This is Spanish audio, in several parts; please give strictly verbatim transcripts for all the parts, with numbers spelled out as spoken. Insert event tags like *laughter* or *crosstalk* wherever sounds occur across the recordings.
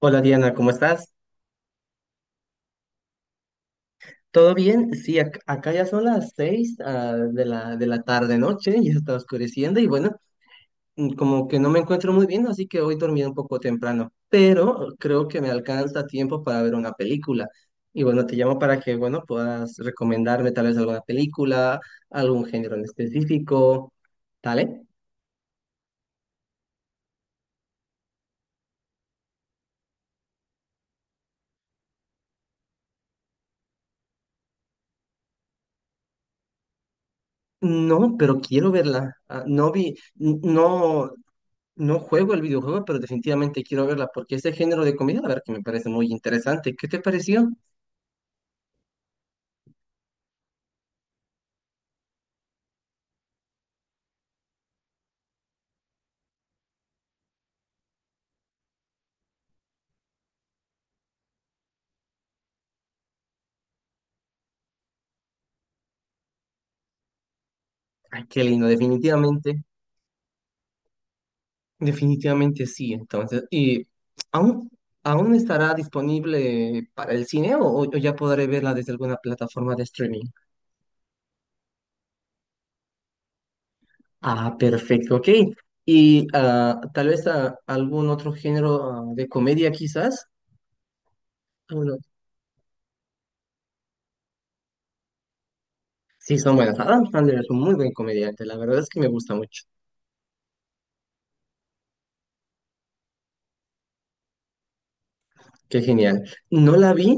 Hola Diana, ¿cómo estás? ¿Todo bien? Sí, ac- acá ya son las seis ah, de la, de la tarde noche, ya está oscureciendo y bueno, mm, como que no me encuentro muy bien, así que hoy dormí un poco temprano, pero creo que me alcanza tiempo para ver una película. Y bueno, te llamo para que, bueno, puedas recomendarme tal vez alguna película, algún género en específico, ¿vale? No, pero quiero verla. Ah, no vi, n- no. No juego el videojuego, pero definitivamente quiero verla porque ese género de comida, la verdad que me parece muy interesante. ¿Qué te pareció? Ay, qué lindo, definitivamente, definitivamente sí. Entonces, ¿y aún, aún estará disponible para el cine o, o ya podré verla desde alguna plataforma de streaming? Ah, perfecto, ok. Y ah, tal vez ah, algún otro género ah, de comedia, quizás. Ah, bueno, sí, son buenas. Adam Sandler es un muy buen comediante, la verdad es que me gusta mucho. Qué genial. No la vi.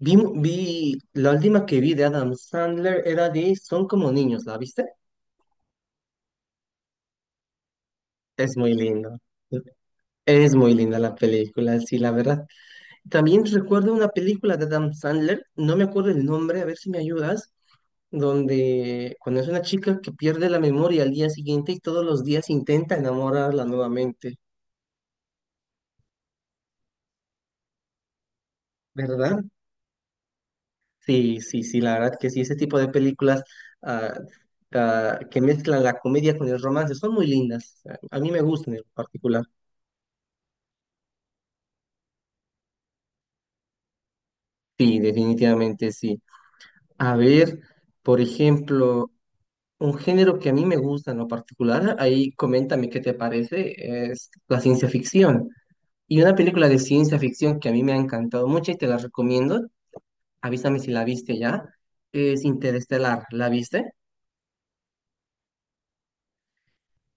Vi, vi, la última que vi de Adam Sandler era de Son como niños, ¿la viste? Es muy linda. Es muy linda la película, sí, la verdad. También recuerdo una película de Adam Sandler, no me acuerdo el nombre, a ver si me ayudas, donde cuando es una chica que pierde la memoria al día siguiente y todos los días intenta enamorarla nuevamente, ¿verdad? Sí, sí, sí, la verdad que sí, ese tipo de películas ah, ah, que mezclan la comedia con el romance son muy lindas. A mí me gustan en particular. Sí, definitivamente sí. A ver, por ejemplo, un género que a mí me gusta en lo particular, ahí coméntame qué te parece, es la ciencia ficción. Y una película de ciencia ficción que a mí me ha encantado mucho y te la recomiendo, avísame si la viste ya, es Interestelar. ¿La viste?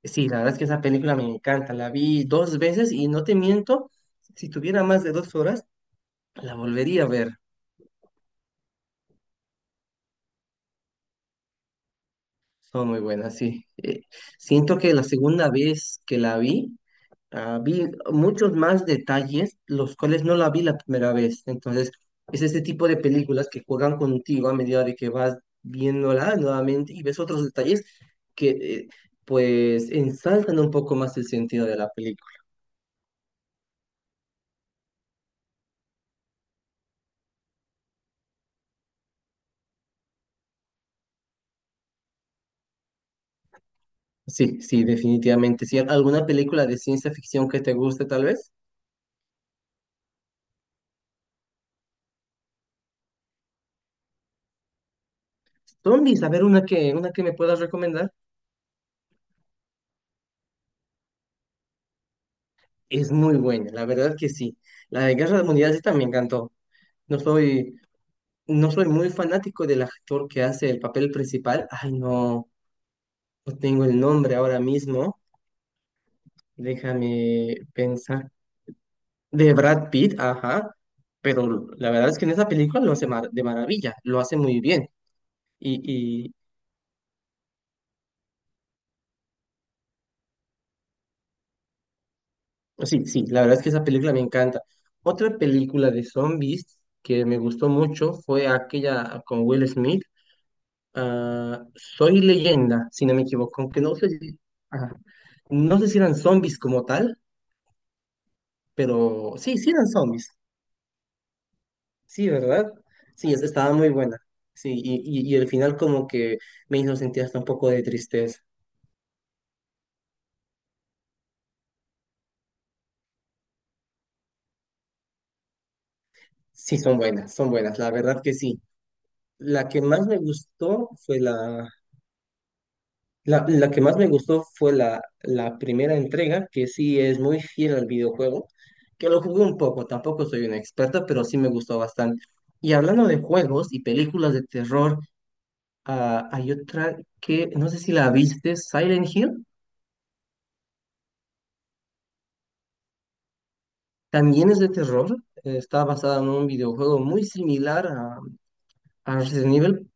Sí, la verdad es que esa película me encanta. La vi dos veces y no te miento, si tuviera más de dos horas, la volvería a ver. Son muy buenas, sí. Eh, siento que la segunda vez que la vi, ah, vi muchos más detalles, los cuales no la vi la primera vez. Entonces, es este tipo de películas que juegan contigo a medida de que vas viéndola nuevamente y ves otros detalles que, eh, pues, ensalzan un poco más el sentido de la película. Sí, sí, definitivamente. Sí, ¿alguna película de ciencia ficción que te guste, tal vez? Zombies, a ver, una que, una que me puedas recomendar. Es muy buena, la verdad que sí. La de Guerra Mundial Z me encantó. No soy, no soy muy fanático del actor que hace el papel principal. Ay, no, no tengo el nombre ahora mismo. Déjame pensar. De Brad Pitt, ajá. Pero la verdad es que en esa película lo hace mar- de maravilla, lo hace muy bien. Y, Sí, sí, la verdad es que esa película me encanta. Otra película de zombies que me gustó mucho fue aquella con Will Smith, ah, Soy Leyenda, si no me equivoco, aunque no sé si, ajá, no sé si eran zombies como tal, pero sí, sí eran zombies, sí, ¿verdad? Sí, es- estaba muy buena. Sí, y, y, y el final como que me hizo sentir hasta un poco de tristeza. Sí, son buenas, son buenas, la verdad que sí. La que más me gustó fue la, La, la que más me gustó fue la, la primera entrega, que sí es muy fiel al videojuego, que lo jugué un poco, tampoco soy una experta, pero sí me gustó bastante. Y hablando de juegos y películas de terror, ah, hay otra que no sé si la viste, Silent Hill, también es de terror, eh, está basada en un videojuego muy similar a, a Resident Evil,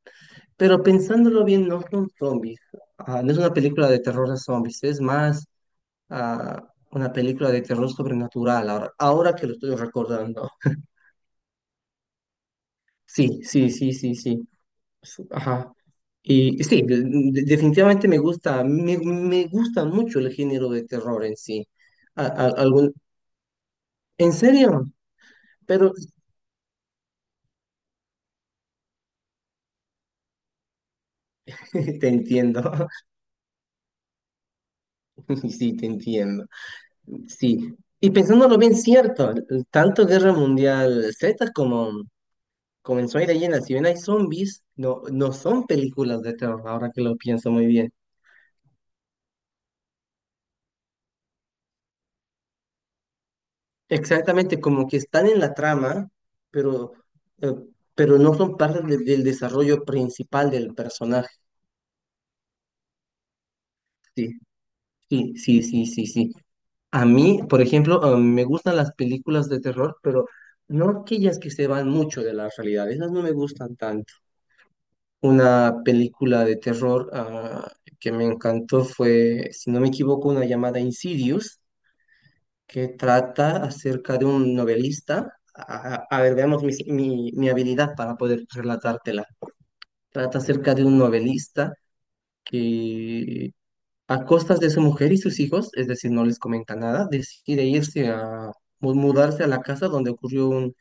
pero pensándolo bien, no son zombies. Ah, no es una película de terror a zombies, es más a una película de terror sobrenatural, ahora, ahora que lo estoy recordando. Sí, sí, sí, sí, sí. Su- Ajá. Y y sí, de- de- definitivamente me gusta, me, me gusta mucho el género de terror en sí. A- a- algún, ¿en serio? Pero *laughs* te entiendo, *laughs* sí, te entiendo. Sí, y pensándolo bien, cierto, tanto Guerra Mundial Z como, como en Soy Leyenda, si bien hay zombies, no, no son películas de terror, ahora que lo pienso muy bien. Exactamente, como que están en la trama, pero, eh, pero no son parte de- del desarrollo principal del personaje. Sí, sí, sí, sí, sí, sí. A mí, por ejemplo, eh, me gustan las películas de terror, pero no aquellas que se van mucho de la realidad. Esas no me gustan tanto. Una película de terror, ah, que me encantó fue, si no me equivoco, una llamada Insidious que trata acerca de un novelista. A, a- a ver, veamos mi, mi- mi habilidad para poder relatártela. Trata acerca de un novelista que a costas de su mujer y sus hijos, es decir, no les comenta nada, decide irse a mu- mudarse a la casa donde ocurrió un,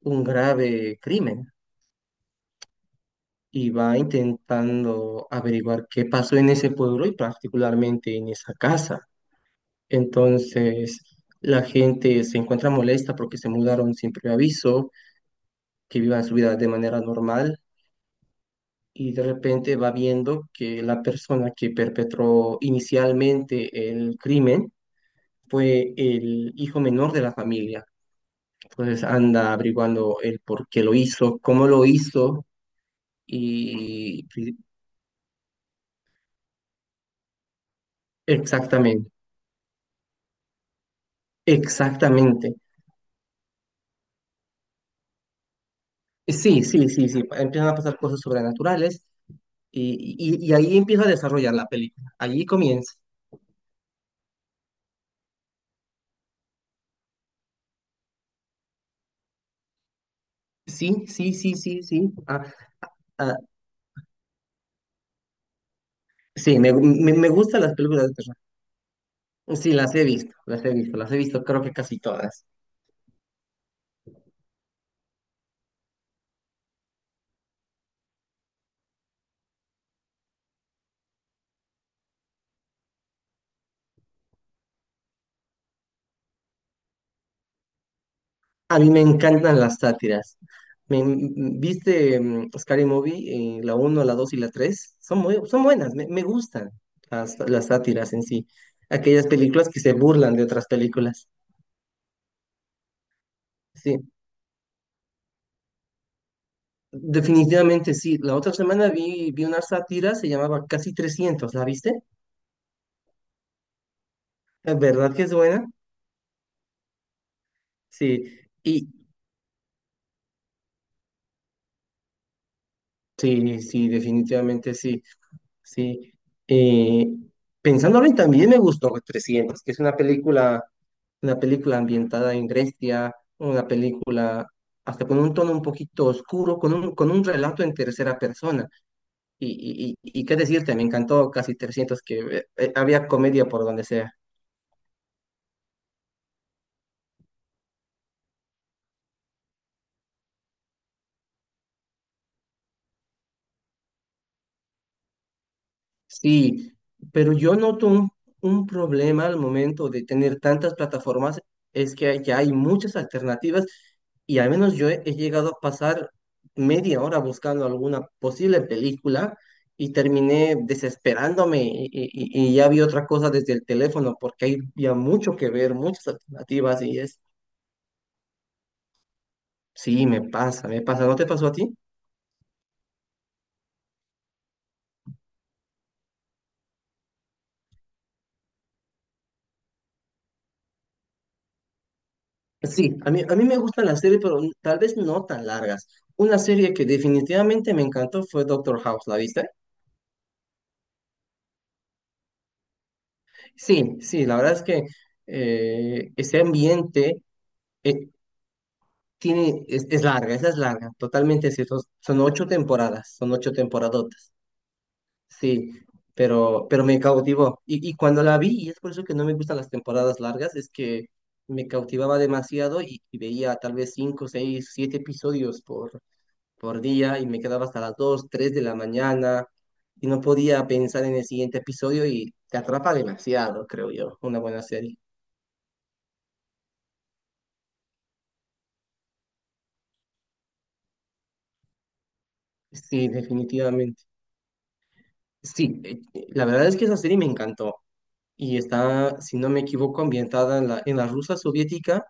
un grave crimen y va intentando averiguar qué pasó en ese pueblo y particularmente en esa casa. Entonces, la gente se encuentra molesta porque se mudaron sin previo aviso que vivan su vida de manera normal y de repente va viendo que la persona que perpetró inicialmente el crimen fue el hijo menor de la familia. Entonces anda averiguando el por qué lo hizo, cómo lo hizo y exactamente, exactamente. Sí, sí, sí, sí, empiezan a pasar cosas sobrenaturales y, y, y ahí empieza a desarrollar la película, allí comienza. Sí, sí, sí, sí, sí. Ah, ah, sí, me, me, me gustan las películas de terror. Sí, las he visto, las he visto, las he visto, creo que casi todas. A mí me encantan las sátiras. Me, m- ¿Viste mm, Scary Movie? Eh, ¿la uno, la dos y la tres? Son muy, son buenas, me, me gustan las, las sátiras en sí. Aquellas películas que se burlan de otras películas. Sí, definitivamente sí. La otra semana vi, vi una sátira, se llamaba Casi trescientos. ¿La viste? ¿Es ¿Verdad que es buena? Sí, y sí, sí, definitivamente sí. Sí. Eh, Pensándolo y también me gustó trescientos, que es una película, una película, ambientada en Grecia, una película hasta con un tono un poquito oscuro, con un, con un relato en tercera persona. Y, y, y, y qué decirte, me encantó casi trescientos que eh, eh, había comedia por donde sea. Sí, pero yo noto un, un problema al momento de tener tantas plataformas, es que ya hay muchas alternativas y al menos yo he, he llegado a pasar media hora buscando alguna posible película y terminé desesperándome y, y- y ya vi otra cosa desde el teléfono porque hay ya mucho que ver, muchas alternativas y es, sí, me pasa, me pasa, ¿no te pasó a ti? Sí, a mí, a mí me gustan las series, pero n- tal vez no tan largas. Una serie que definitivamente me encantó fue Doctor House, ¿la viste? Sí, sí, la verdad es que eh, ese ambiente eh, tiene, es, es larga, esa es larga, totalmente cierto. Son ocho temporadas, son ocho temporadotas, sí, pero, pero me cautivó. Y, y cuando la vi, y es por eso que no me gustan las temporadas largas, es que me cautivaba demasiado y, y veía tal vez cinco, seis, siete episodios por por día y me quedaba hasta las dos tres de la mañana y no podía pensar en el siguiente episodio y te atrapa demasiado, creo yo, una buena serie. Sí, definitivamente. Sí, eh, la verdad es que esa serie me encantó y está, si no me equivoco, ambientada en la, en la Rusia soviética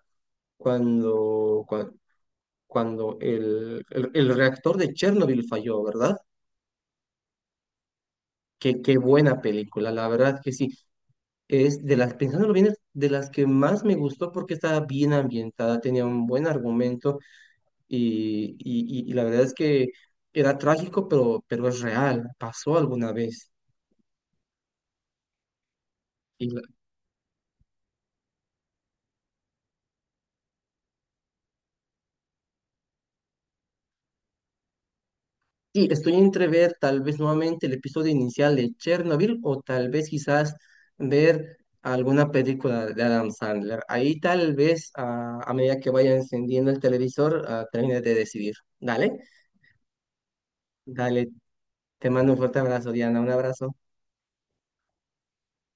cuando, cuan- cuando, el, el, el reactor de Chernobyl falló, ¿verdad? Qué, qué buena película, la verdad que sí. Es de las, pensándolo bien, es de las que más me gustó porque estaba bien ambientada, tenía un buen argumento y, y- y- y la verdad es que era trágico, pero, pero es real, pasó alguna vez. Y, la- y estoy entre ver tal vez nuevamente el episodio inicial de Chernobyl o tal vez quizás ver alguna película de Adam Sandler. Ahí tal vez a, a medida que vaya encendiendo el televisor, ah, termine de decidir. Dale, dale, te mando un fuerte abrazo, Diana, un abrazo.